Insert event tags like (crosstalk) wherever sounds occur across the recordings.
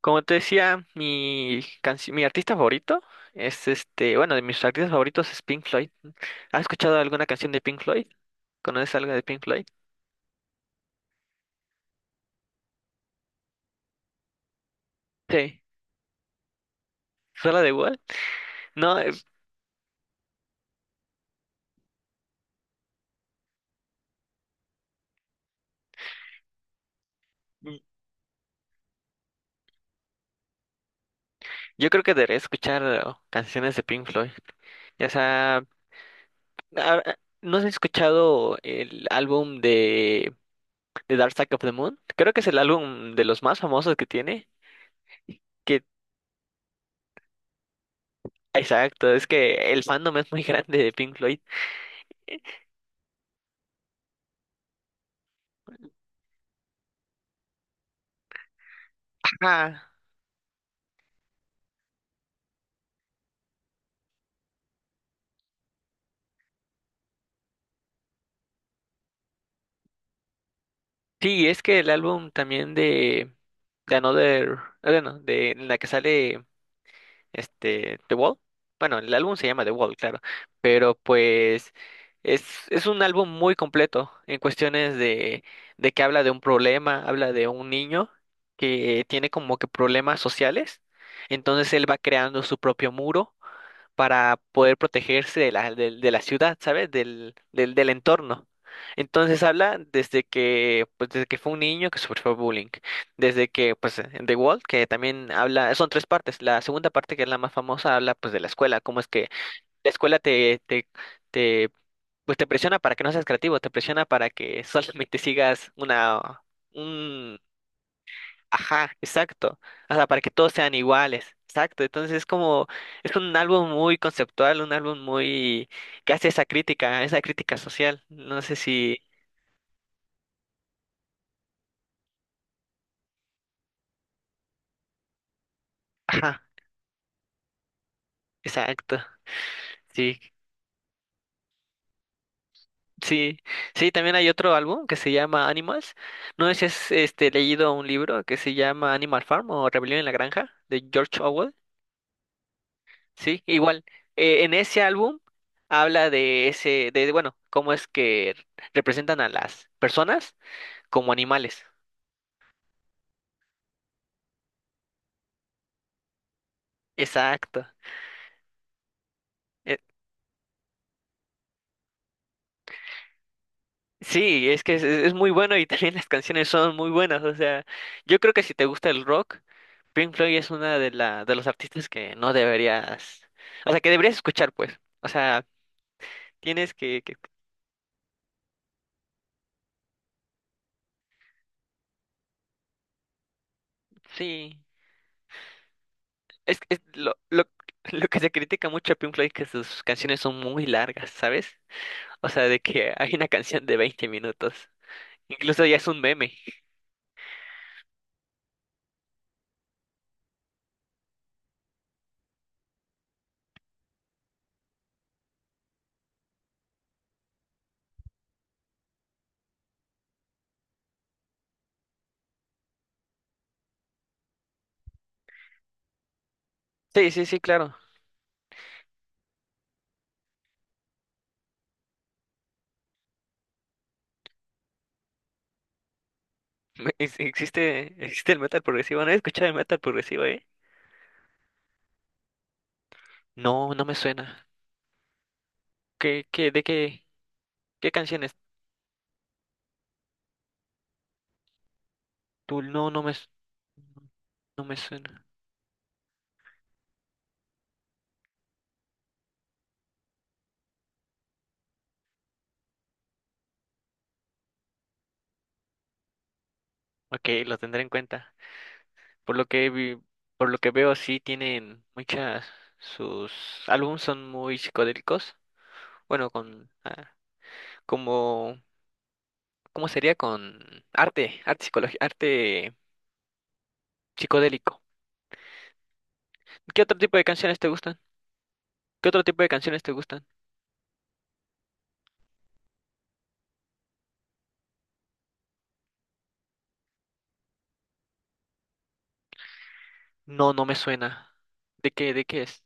Como te decía, mi artista favorito es de mis artistas favoritos es Pink Floyd. ¿Has escuchado alguna canción de Pink Floyd? ¿Conoces algo de Pink Floyd? Sí. ¿Sola de Wall? No, es- Yo creo que debería escuchar canciones de Pink Floyd. Ya sea, ah, ah, ¿no has escuchado el álbum de Dark Side of the Moon? Creo que es el álbum de los más famosos que tiene. Que, exacto, es que el fandom es muy (laughs) grande de Pink Floyd. Sí, y es que el álbum también de Another, bueno, de en la que sale este The Wall. Bueno, el álbum se llama The Wall, claro, pero pues es, es un álbum muy completo en cuestiones de que habla de un problema, habla de un niño que tiene como que problemas sociales, entonces él va creando su propio muro para poder protegerse de de la ciudad, ¿sabes? Del entorno. Entonces habla desde que, pues, desde que fue un niño que sufrió bullying, desde que, pues, en The Wall, que también habla, son tres partes. La segunda parte, que es la más famosa, habla, pues, de la escuela, cómo es que la escuela te, pues, te presiona para que no seas creativo, te presiona para que (laughs) solamente sigas una, ajá, exacto. O sea, para que todos sean iguales. Exacto. Entonces es como, es un álbum muy conceptual, un álbum muy que hace esa crítica social. No sé si. Ajá, exacto. Sí, sí. Sí, también hay otro álbum que se llama Animals. No sé si has este leído un libro que se llama Animal Farm o Rebelión en la Granja, de George Orwell. Sí, igual. Eh, en ese álbum habla de ese, cómo es que representan a las personas como animales. Exacto. Eh, sí, es que es muy bueno y (laughs) también las canciones son muy buenas. O sea, yo creo que si te gusta el rock, Pink Floyd es una de de los artistas que no deberías, o sea, que deberías escuchar, pues. O sea, tienes que, que- sí, es, es lo, lo, (laughs) lo que se critica mucho a Pink Floyd que sus canciones son muy largas, ¿sabes? O sea, de que (laughs) hay una canción de 20 minutos. Incluso ya es un meme. Sí, sí, sí, claro. Existe, existe el metal progresivo. No he escuchado el metal progresivo, ¿eh? No, no me suena. ¿Qué, qué, de qué, ¿qué canciones? Tú, no, no me, su- no me suena. Ok, lo tendré en cuenta. Por lo que vi- por lo que veo, sí tienen muchas, sus álbumes son muy psicodélicos. Bueno, con, ah, como, ¿Cómo sería? Con arte, arte psicológico, arte psicodélico. ¿Qué otro tipo de canciones te gustan? ¿Qué otro tipo de canciones te gustan? No, no me suena. ¿De qué es?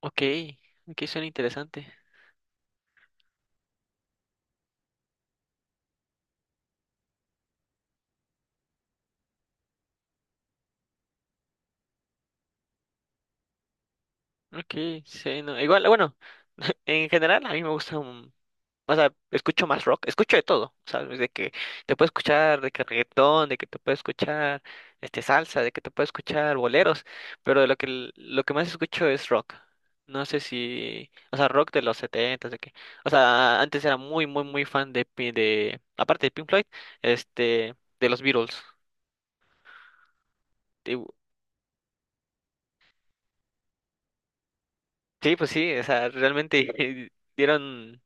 Ok, ok, suena interesante. Ok, sí, no, igual, bueno, (laughs) en general a mí me gusta un, o sea, escucho más rock, escucho de todo, ¿sabes? De que te puedo escuchar de que reggaetón, de que te puedo escuchar este salsa, de que te puedo escuchar boleros, pero de lo que lo que más escucho es rock. No sé si, o sea, rock de los setentas, de que, o sea, antes era muy, muy, muy fan aparte de Pink Floyd, este, de los Beatles. Y- Sí, pues sí, o sea, realmente (laughs) dieron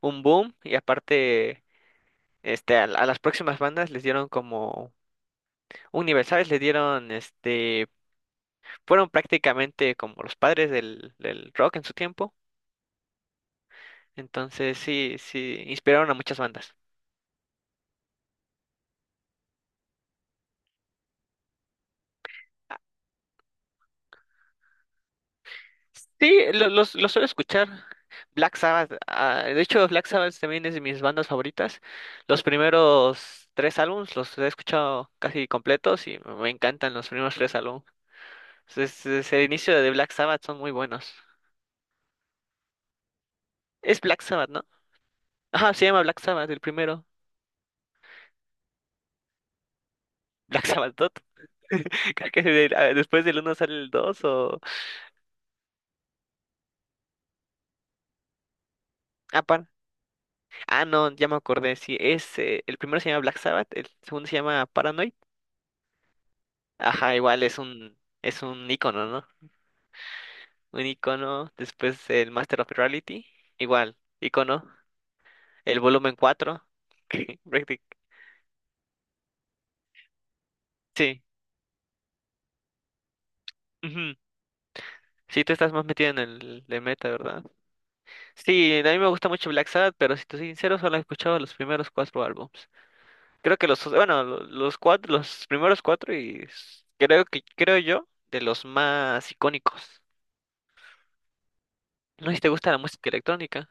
un boom y aparte este, a las próximas bandas les dieron como un nivel, ¿sabes? Les dieron, este, fueron prácticamente como los padres del rock en su tiempo. Entonces, sí, sí, inspiraron a muchas bandas. Ah, sí, los suelo escuchar. Black Sabbath, ah, de hecho, Black Sabbath también es de mis bandas favoritas. Los primeros tres álbumes los he escuchado casi completos y me encantan los primeros tres álbumes. Entonces, desde el inicio de Black Sabbath son muy buenos. Es Black Sabbath, ¿no? Ajá, se llama Black Sabbath, el primero. (laughs) Black Sabbath 2. (laughs) Creo que del- ah, después del uno sale el 2 o... Ah, par- no, ya me acordé. Sí, es, el primero se llama Black Sabbath, el segundo se llama Paranoid. Ajá, igual es un icono, ¿no? Un icono. Después el Master of Reality. Igual, icono. El volumen 4 (laughs) Práctic- sí. Ujú. Sí, tú estás más metido en el de meta, ¿verdad? Sí, a mí me gusta mucho Black Sabbath, pero si te soy sincero, solo he escuchado los primeros cuatro álbumes. Creo que los, bueno, los cuatro, los primeros cuatro y creo que, creo yo, de los más icónicos. No sé si te gusta la música electrónica.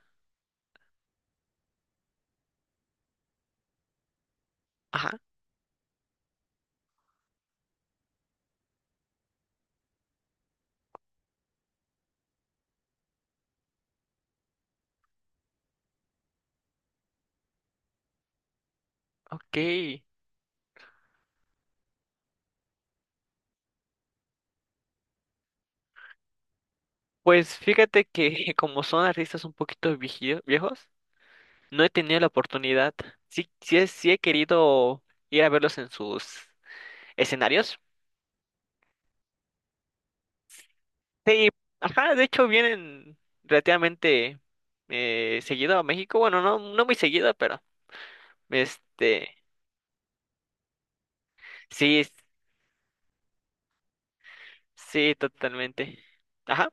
Ajá, ok. Pues fíjate que (laughs) como son artistas un poquito viejos, no he tenido la oportunidad. Sí, sí, sí he querido ir a verlos en sus escenarios. Sí, ajá, de hecho vienen relativamente seguido a México. Bueno, no, no muy seguido, pero este... Sí, sí, totalmente. Ajá.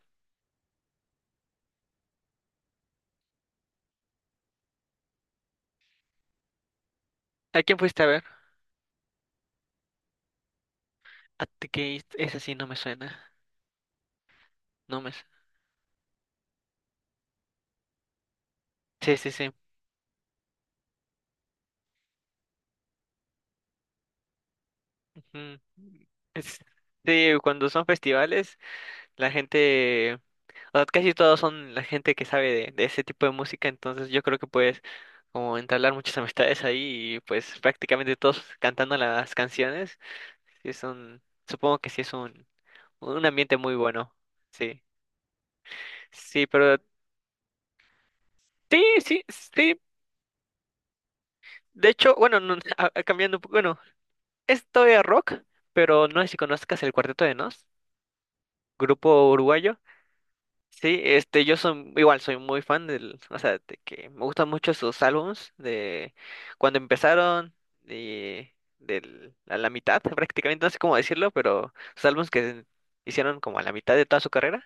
¿A quién fuiste a ver? A ti que esa sí no me suena. No me su- Sí, sí, sí. Ujú. Es- Sí, cuando son festivales, la gente, o sea, casi todos son la gente que sabe de ese tipo de música, entonces yo creo que puedes como entablar muchas amistades ahí y pues prácticamente todos cantando las canciones. Sí, supongo que sí es un ambiente muy bueno. Sí, sí, pero sí, sí, sí. De hecho, bueno, no, (laughs) cambiando un poco, es todavía rock, pero no sé si conozcas el Cuarteto de Nos, grupo uruguayo. Sí, este, igual soy muy fan del, o sea, de que me gustan mucho sus álbums de cuando empezaron y del, a la mitad prácticamente, no sé cómo decirlo, pero sus álbumes que hicieron como a la mitad de toda su carrera.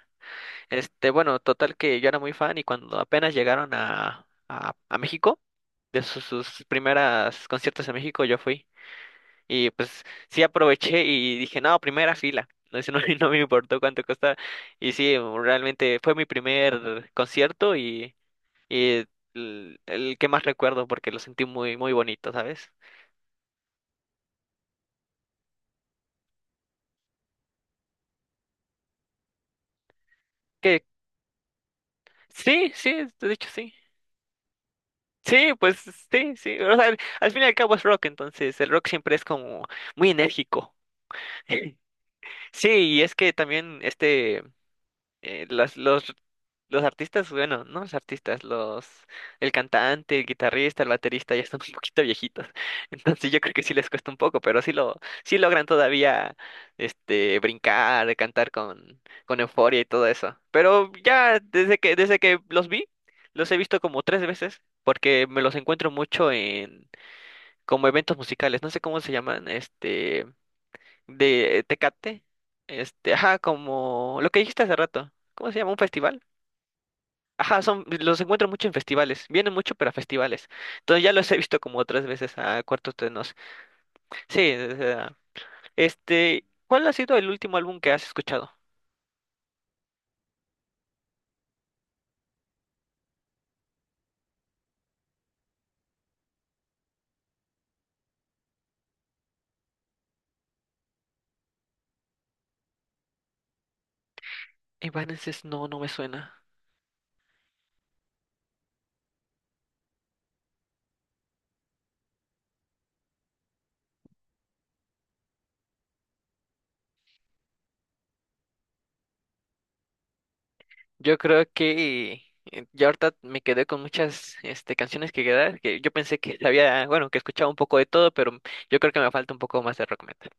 Este, bueno, total que yo era muy fan y cuando apenas llegaron a México, de sus, sus primeras conciertos en México, yo fui. Y pues sí aproveché y dije, no, primera fila. (laughs) No, eso no, (laughs) no me importó cuánto costaba. Y sí, realmente fue mi primer concierto y el que más recuerdo porque lo sentí muy, muy bonito, ¿sabes? Que sí, sí, de hecho sí. Sí, pues sí, sí. O sea, al fin y al cabo es rock, entonces el rock siempre es como muy enérgico. (laughs) Sí, y es que también este. Eh, los artistas, bueno, no los artistas, los, el cantante, el guitarrista, el baterista ya están (laughs) un poquito viejitos. (laughs) Entonces yo creo que sí les cuesta un poco, pero sí sí logran todavía este brincar, cantar con euforia y todo eso. Pero ya desde que los vi, los he visto como 3 veces, porque me los encuentro mucho en como eventos musicales, no sé cómo se llaman, este de Tecate, este, ajá, como lo que dijiste hace rato, ¿cómo se llama? ¿Un festival? Ajá, son, los encuentro mucho en festivales, vienen mucho pero a festivales, entonces ya los he visto como otras veces a cuartos Tenos. Sí, o sea, este, ¿cuál ha sido el último álbum que has escuchado? Evanescence, no, no me suena, yo creo que ya ahorita me quedé con muchas, este, canciones que quedar, que yo pensé que había, bueno, que escuchaba un poco de todo, pero yo creo que me falta un poco más de rock metal.